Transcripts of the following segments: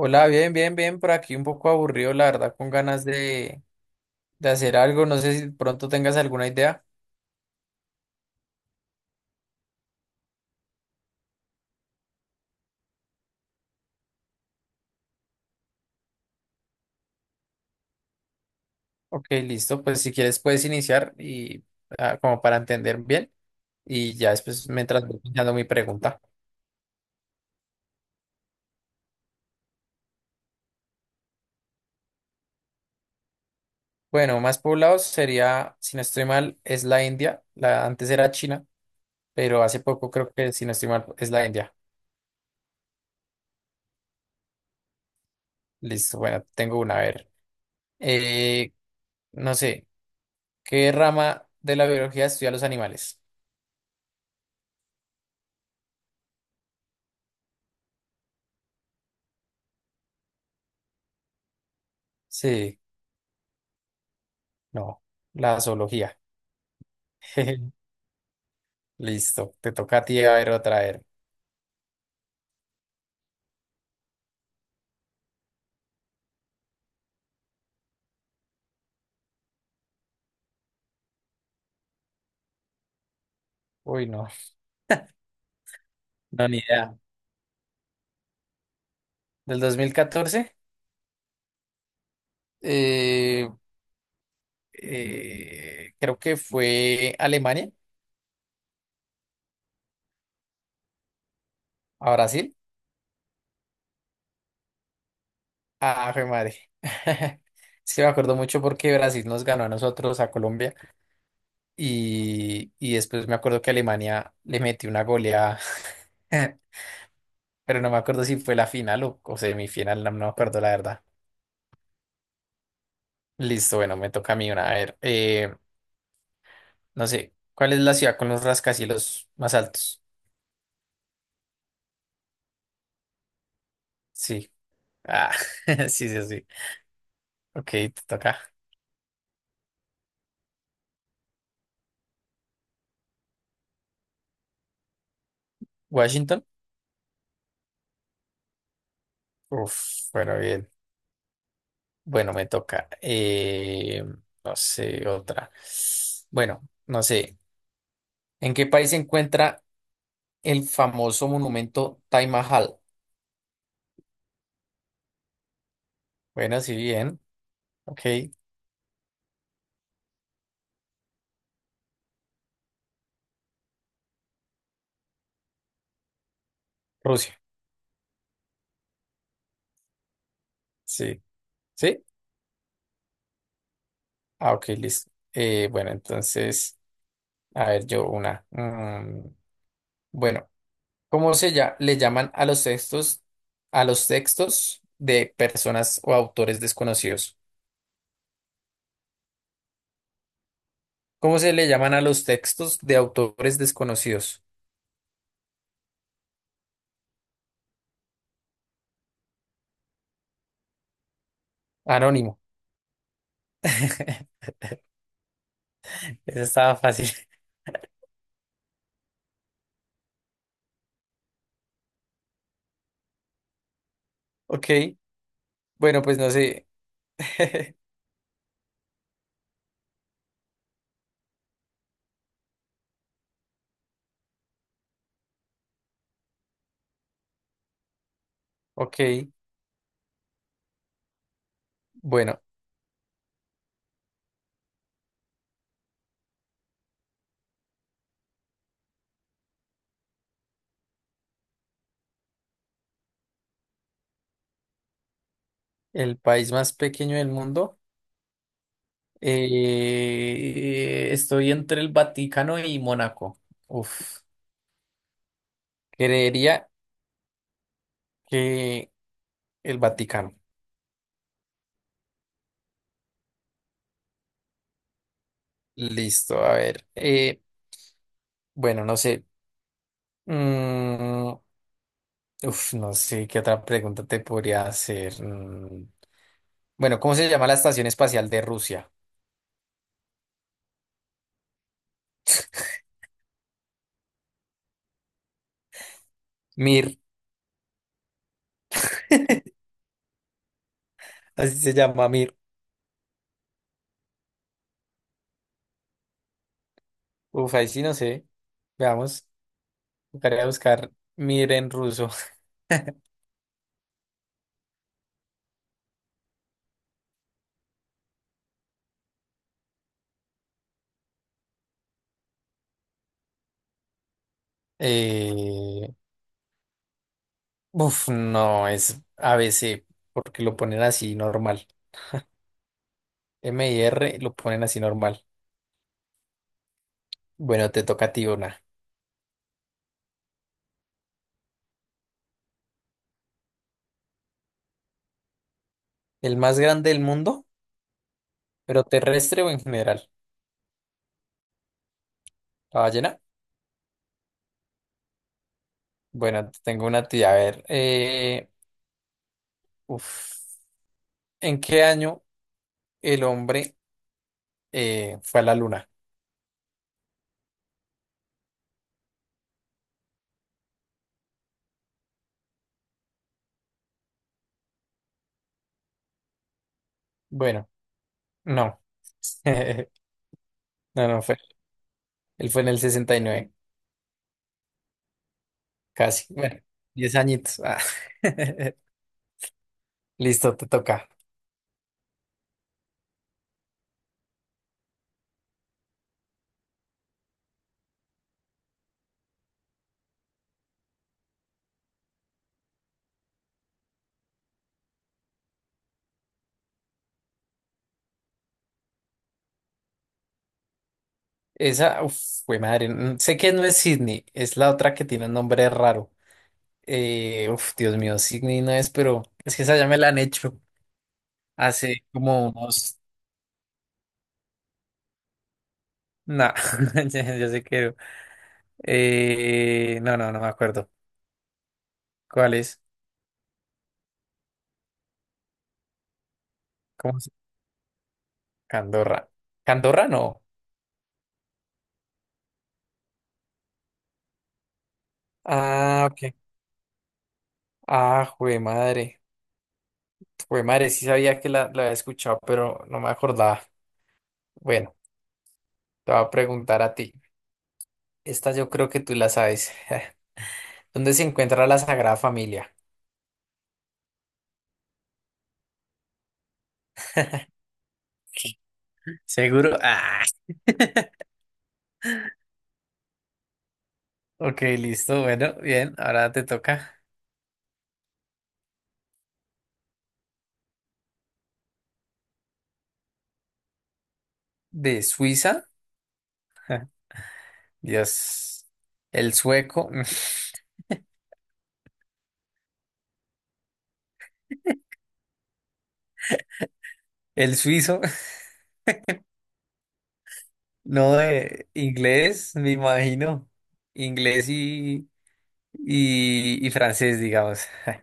Hola, bien, bien, bien, por aquí un poco aburrido, la verdad, con ganas de hacer algo. No sé si pronto tengas alguna idea. Ok, listo, pues si quieres puedes iniciar y como para entender bien y ya después mientras voy pensando mi pregunta. Bueno, más poblados sería, si no estoy mal, es la India. La, antes era China, pero hace poco creo que, si no estoy mal, es la India. Listo, bueno, tengo una, a ver. Eh, no sé, ¿qué rama de la biología estudia los animales? Sí, no, la zoología. Listo, te toca a ti a ver otra vez. Uy, no, no, ni idea. Del 2014, eh, creo que fue Alemania, a Brasil. Ah, fue madre. Sí, me acuerdo mucho porque Brasil nos ganó a nosotros, a Colombia, y después me acuerdo que Alemania le metió una goleada, pero no me acuerdo si fue la final o semifinal, no, no me acuerdo la verdad. Listo, bueno, me toca a mí una. A ver, no sé, ¿cuál es la ciudad con los rascacielos más altos? Sí. Ah, sí, sí, sí. Ok, te toca. Washington. Uf, bueno, bien. Bueno, me toca. No sé, otra. Bueno, no sé. ¿En qué país se encuentra el famoso monumento Taj Mahal? Bueno, sí, bien. Ok, Rusia. Sí. ¿Sí? Ah, ok, listo. Bueno, entonces, a ver, yo una. Mm, bueno. ¿Le llaman a los textos de personas o autores desconocidos? ¿Cómo se le llaman a los textos de autores desconocidos? Anónimo. Eso estaba fácil. Ok, bueno, pues no sé. Ok, bueno, el país más pequeño del mundo. Estoy entre el Vaticano y Mónaco. Uf, creería que el Vaticano. Listo, a ver. Bueno, no sé. Mm, uf, no sé qué otra pregunta te podría hacer. Bueno, ¿cómo se llama la estación espacial de Rusia? Mir. Así se llama Mir. Uf, ahí sí no sé. Veamos. Tocaría buscar Mir en ruso. Eh, no, es a ABC, porque lo ponen así normal. M y R lo ponen así normal. Bueno, te toca a ti una. ¿El más grande del mundo, pero terrestre o en general? ¿La ballena? Bueno, tengo una tía. A ver, uf, ¿en qué año el hombre fue a la luna? Bueno, no. No, no fue. Él fue en el 69 casi. Bueno, 10 añitos. Ah. Listo, te toca. Esa, uf, fue madre. Sé que no es Sydney, es la otra que tiene un nombre raro. Dios mío, Sydney no es, pero es que esa ya me la han hecho hace como unos. No, ya, ya sé que. No me acuerdo. ¿Cuál es? ¿Cómo se Candorra? ¿Candorra no? Ah, ok. Ah, jue madre. Jue madre, sí sabía que la había escuchado, pero no me acordaba. Bueno, te voy a preguntar a ti. Esta yo creo que tú la sabes. ¿Dónde se encuentra la Sagrada Familia? Seguro. Ah, ok, listo. Bueno, bien. Ahora te toca. ¿De Suiza? Dios. El sueco. El suizo. No, inglés, me imagino. Inglés y francés, digamos.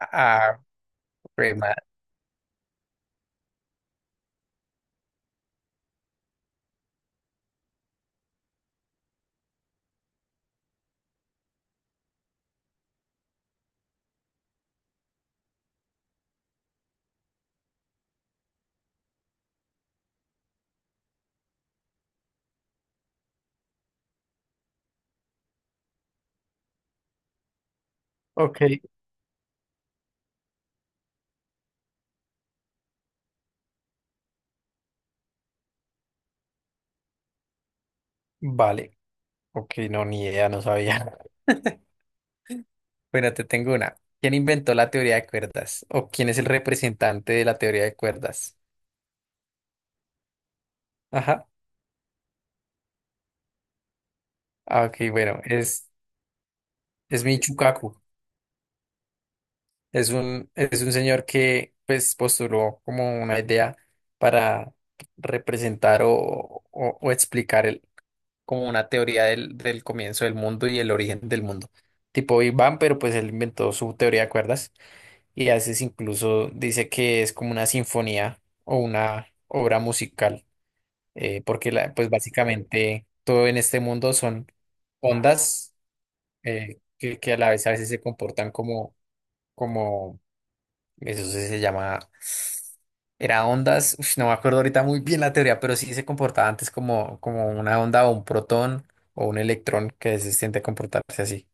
Ah, jue madre. Ok, vale. Ok, no, ni idea, no sabía. Bueno, te tengo una. ¿Quién inventó la teoría de cuerdas? ¿O quién es el representante de la teoría de cuerdas? Ajá. Ah, ok, bueno, es Michikaku. Es es un señor que pues postuló como una idea para representar o explicar como una teoría del comienzo del mundo y el origen del mundo. Tipo Big Bang, pero pues él inventó su teoría de cuerdas y a veces incluso dice que es como una sinfonía o una obra musical, porque la, pues básicamente todo en este mundo son ondas que a la vez a veces se comportan como, como eso sí se llama. Era ondas. Uf, no me acuerdo ahorita muy bien la teoría, pero sí se comportaba antes como, como una onda o un protón o un electrón que se siente comportarse así.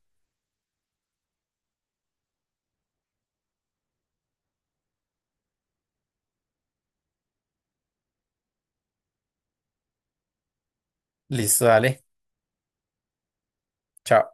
Listo, dale. Chao.